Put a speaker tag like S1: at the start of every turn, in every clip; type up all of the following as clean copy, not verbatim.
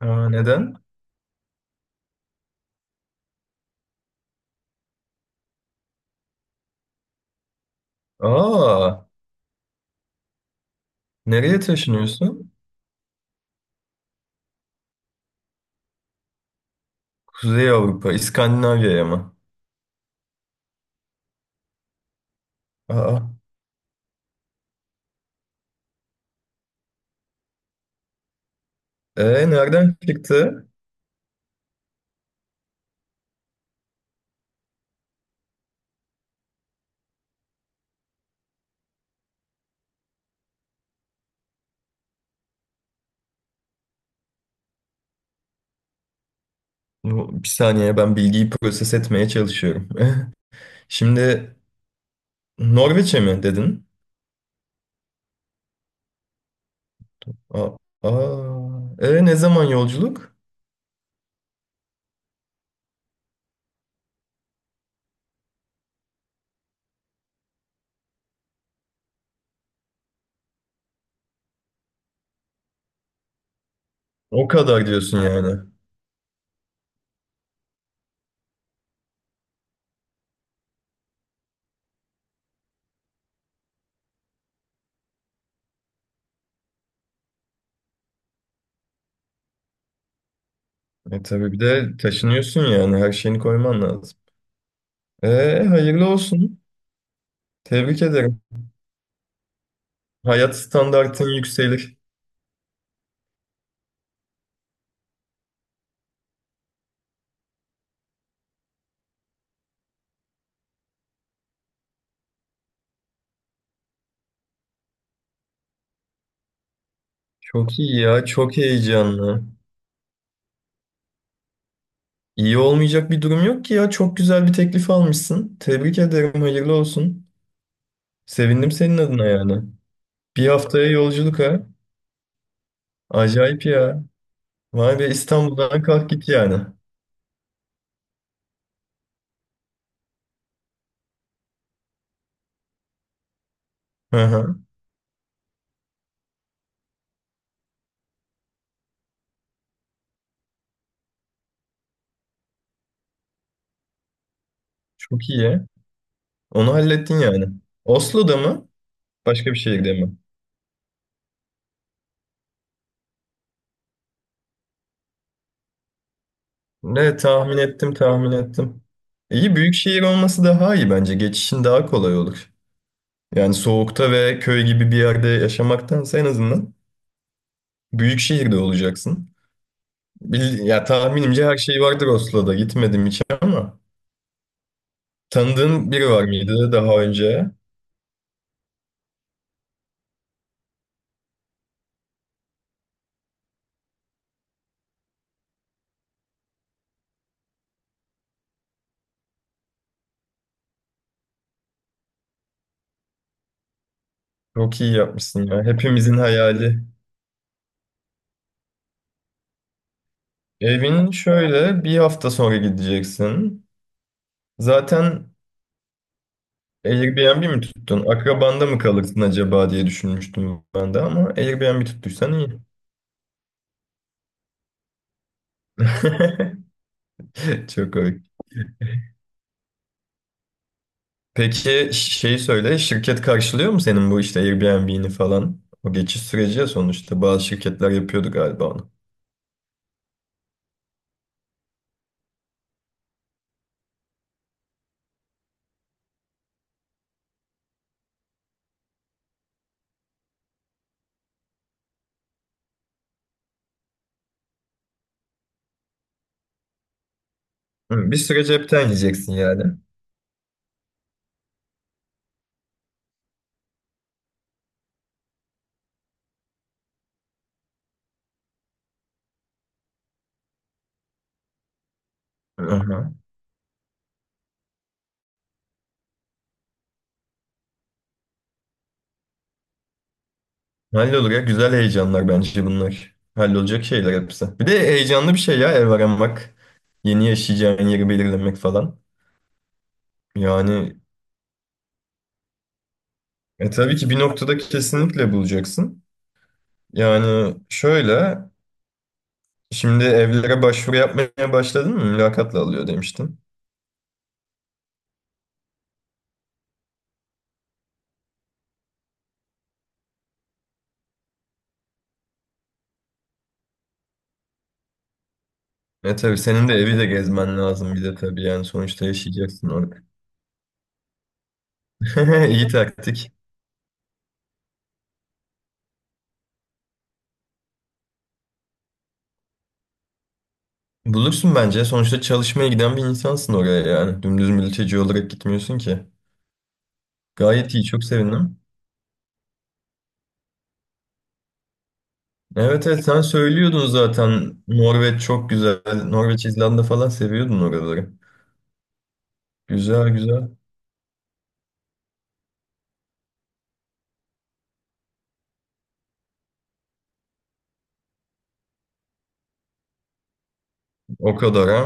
S1: Aa, neden? Aa, nereye taşınıyorsun? Kuzey Avrupa, İskandinavya'ya mı? Aa, e, nereden çıktı? Bir saniye ben bilgiyi proses etmeye çalışıyorum. Şimdi Norveç'e mi dedin? Aa, aa, ne zaman yolculuk? O kadar diyorsun yani. Tabii bir de taşınıyorsun yani her şeyini koyman lazım. E, hayırlı olsun. Tebrik ederim. Hayat standartın yükselir. Çok iyi ya, çok heyecanlı. İyi olmayacak bir durum yok ki ya. Çok güzel bir teklif almışsın. Tebrik ederim, hayırlı olsun. Sevindim senin adına yani. Bir haftaya yolculuk ha. Acayip ya. Vay be İstanbul'dan kalk git yani. Hı hı. Çok iyi ya. Onu hallettin yani. Oslo'da mı? Başka bir şehirde mi? Ne tahmin ettim tahmin ettim. İyi büyük şehir olması daha iyi bence. Geçişin daha kolay olur. Yani soğukta ve köy gibi bir yerde yaşamaktansa en azından büyük şehirde olacaksın. Ya tahminimce her şey vardır Oslo'da. Gitmedim hiç ama. Tanıdığın biri var mıydı daha önce? Çok iyi yapmışsın ya. Hepimizin hayali. Evin şöyle bir hafta sonra gideceksin. Zaten Airbnb mi tuttun? Akrabanda mı kalırsın acaba diye düşünmüştüm ben de ama Airbnb tuttuysan iyi. Çok komik. Peki şey söyle, şirket karşılıyor mu senin bu işte Airbnb'ni falan? O geçiş süreci ya sonuçta. Bazı şirketler yapıyordu galiba onu. Hı, bir süre cepten yiyeceksin yani. Aha. Hallolur ya. Güzel heyecanlar bence bunlar. Hallolacak şeyler hepsi. Bir de heyecanlı bir şey ya ev aramak. Yeni yaşayacağın yeri belirlemek falan. Yani tabii ki bir noktada kesinlikle bulacaksın. Yani şöyle şimdi evlere başvuru yapmaya başladın mı? Mülakatla alıyor demiştin. Tabii senin de evi de gezmen lazım bir de tabii yani sonuçta yaşayacaksın orada. İyi taktik. Bulursun bence. Sonuçta çalışmaya giden bir insansın oraya yani. Dümdüz mülteci olarak gitmiyorsun ki. Gayet iyi, çok sevindim. Evet evet sen söylüyordun zaten. Norveç çok güzel. Norveç, İzlanda falan seviyordun oraları. Güzel güzel. O kadar ha.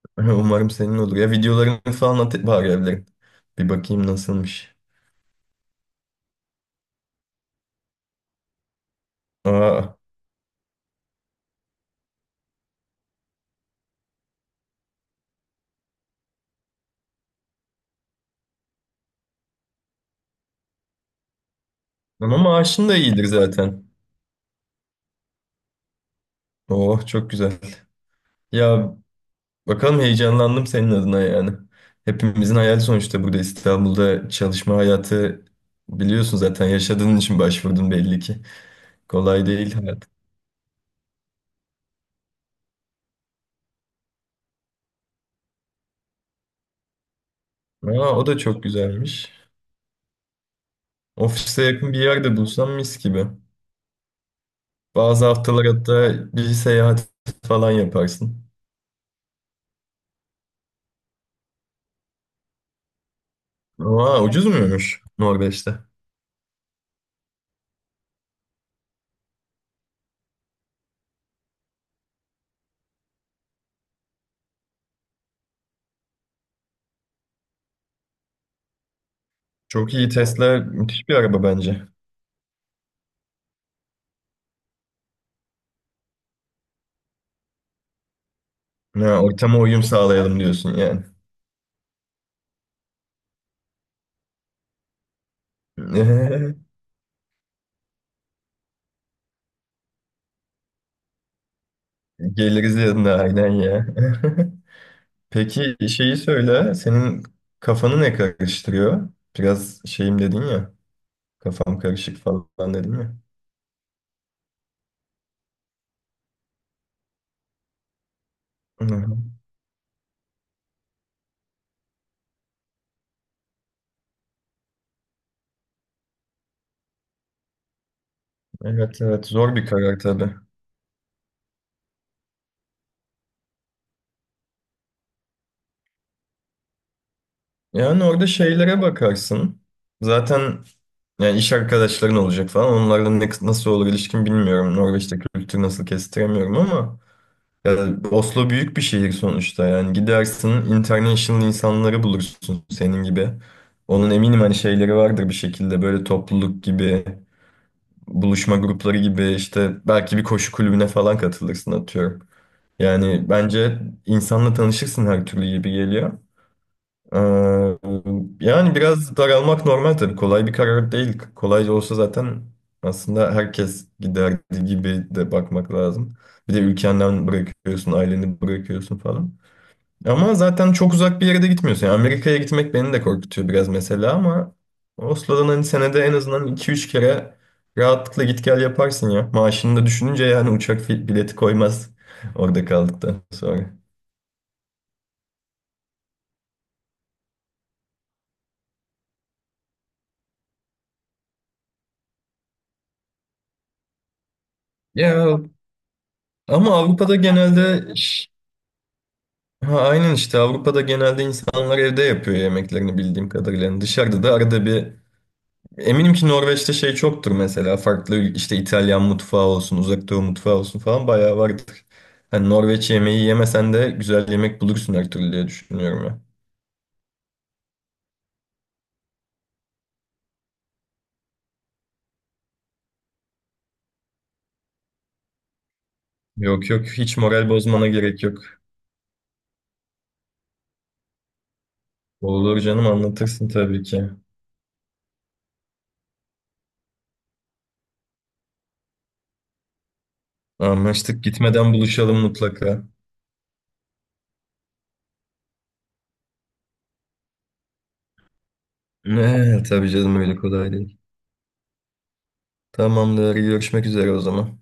S1: Umarım senin olur. Ya videolarını falan at bari evlerin. Bir bakayım nasılmış. Aa, ama maaşın da iyidir zaten. Oh çok güzel. Ya bakalım, heyecanlandım senin adına yani. Hepimizin hayali sonuçta, burada İstanbul'da çalışma hayatı biliyorsun zaten, yaşadığın için başvurdun belli ki. Kolay değil hayat. Aa, o da çok güzelmiş. Ofise yakın bir yerde bulsam mis gibi. Bazı haftalar hatta bir seyahat falan yaparsın. Aa, ucuz muymuş Norveç'te? Çok iyi, Tesla müthiş bir araba bence. Ha, ortama uyum sağlayalım diyorsun yani. Geliriz yanına aynen ya. Peki şeyi söyle, senin kafanı ne karıştırıyor? Biraz şeyim dedin ya, kafam karışık falan dedin ya. Hı hı. Evet evet, zor bir karar tabii. Yani orada şeylere bakarsın. Zaten yani iş arkadaşların olacak falan. Onlarla ne, nasıl olur ilişkin bilmiyorum. Norveç'te kültür nasıl kestiremiyorum ama ya Oslo büyük bir şehir sonuçta. Yani gidersin, international insanları bulursun senin gibi. Onun eminim hani şeyleri vardır bir şekilde, böyle topluluk gibi buluşma grupları gibi, işte belki bir koşu kulübüne falan katılırsın atıyorum. Yani bence insanla tanışırsın, her türlü gibi geliyor. Ee, yani biraz daralmak normal tabii. Kolay bir karar değil. Kolay olsa zaten aslında herkes giderdi gibi de bakmak lazım. Bir de ülkenden bırakıyorsun, aileni bırakıyorsun falan. Ama zaten çok uzak bir yere de gitmiyorsun. Yani Amerika'ya gitmek beni de korkutuyor biraz mesela ama Oslo'dan hani senede en azından iki üç kere rahatlıkla git gel yaparsın ya. Maaşını da düşününce yani uçak bileti koymaz orada kaldıktan sonra. Ya ama Avrupa'da genelde ha, aynen, işte Avrupa'da genelde insanlar evde yapıyor yemeklerini bildiğim kadarıyla. Yani dışarıda da arada bir, eminim ki Norveç'te şey çoktur mesela. Farklı işte İtalyan mutfağı olsun, Uzak Doğu mutfağı olsun falan bayağı vardır. Hani Norveç yemeği yemesen de güzel yemek bulursun her türlü diye düşünüyorum ya. Yok yok, hiç moral bozmana gerek yok. Olur canım, anlatırsın tabii ki. Anlaştık, gitmeden buluşalım mutlaka. Ne tabii canım, öyle kolay değil. Tamamdır, görüşmek üzere o zaman.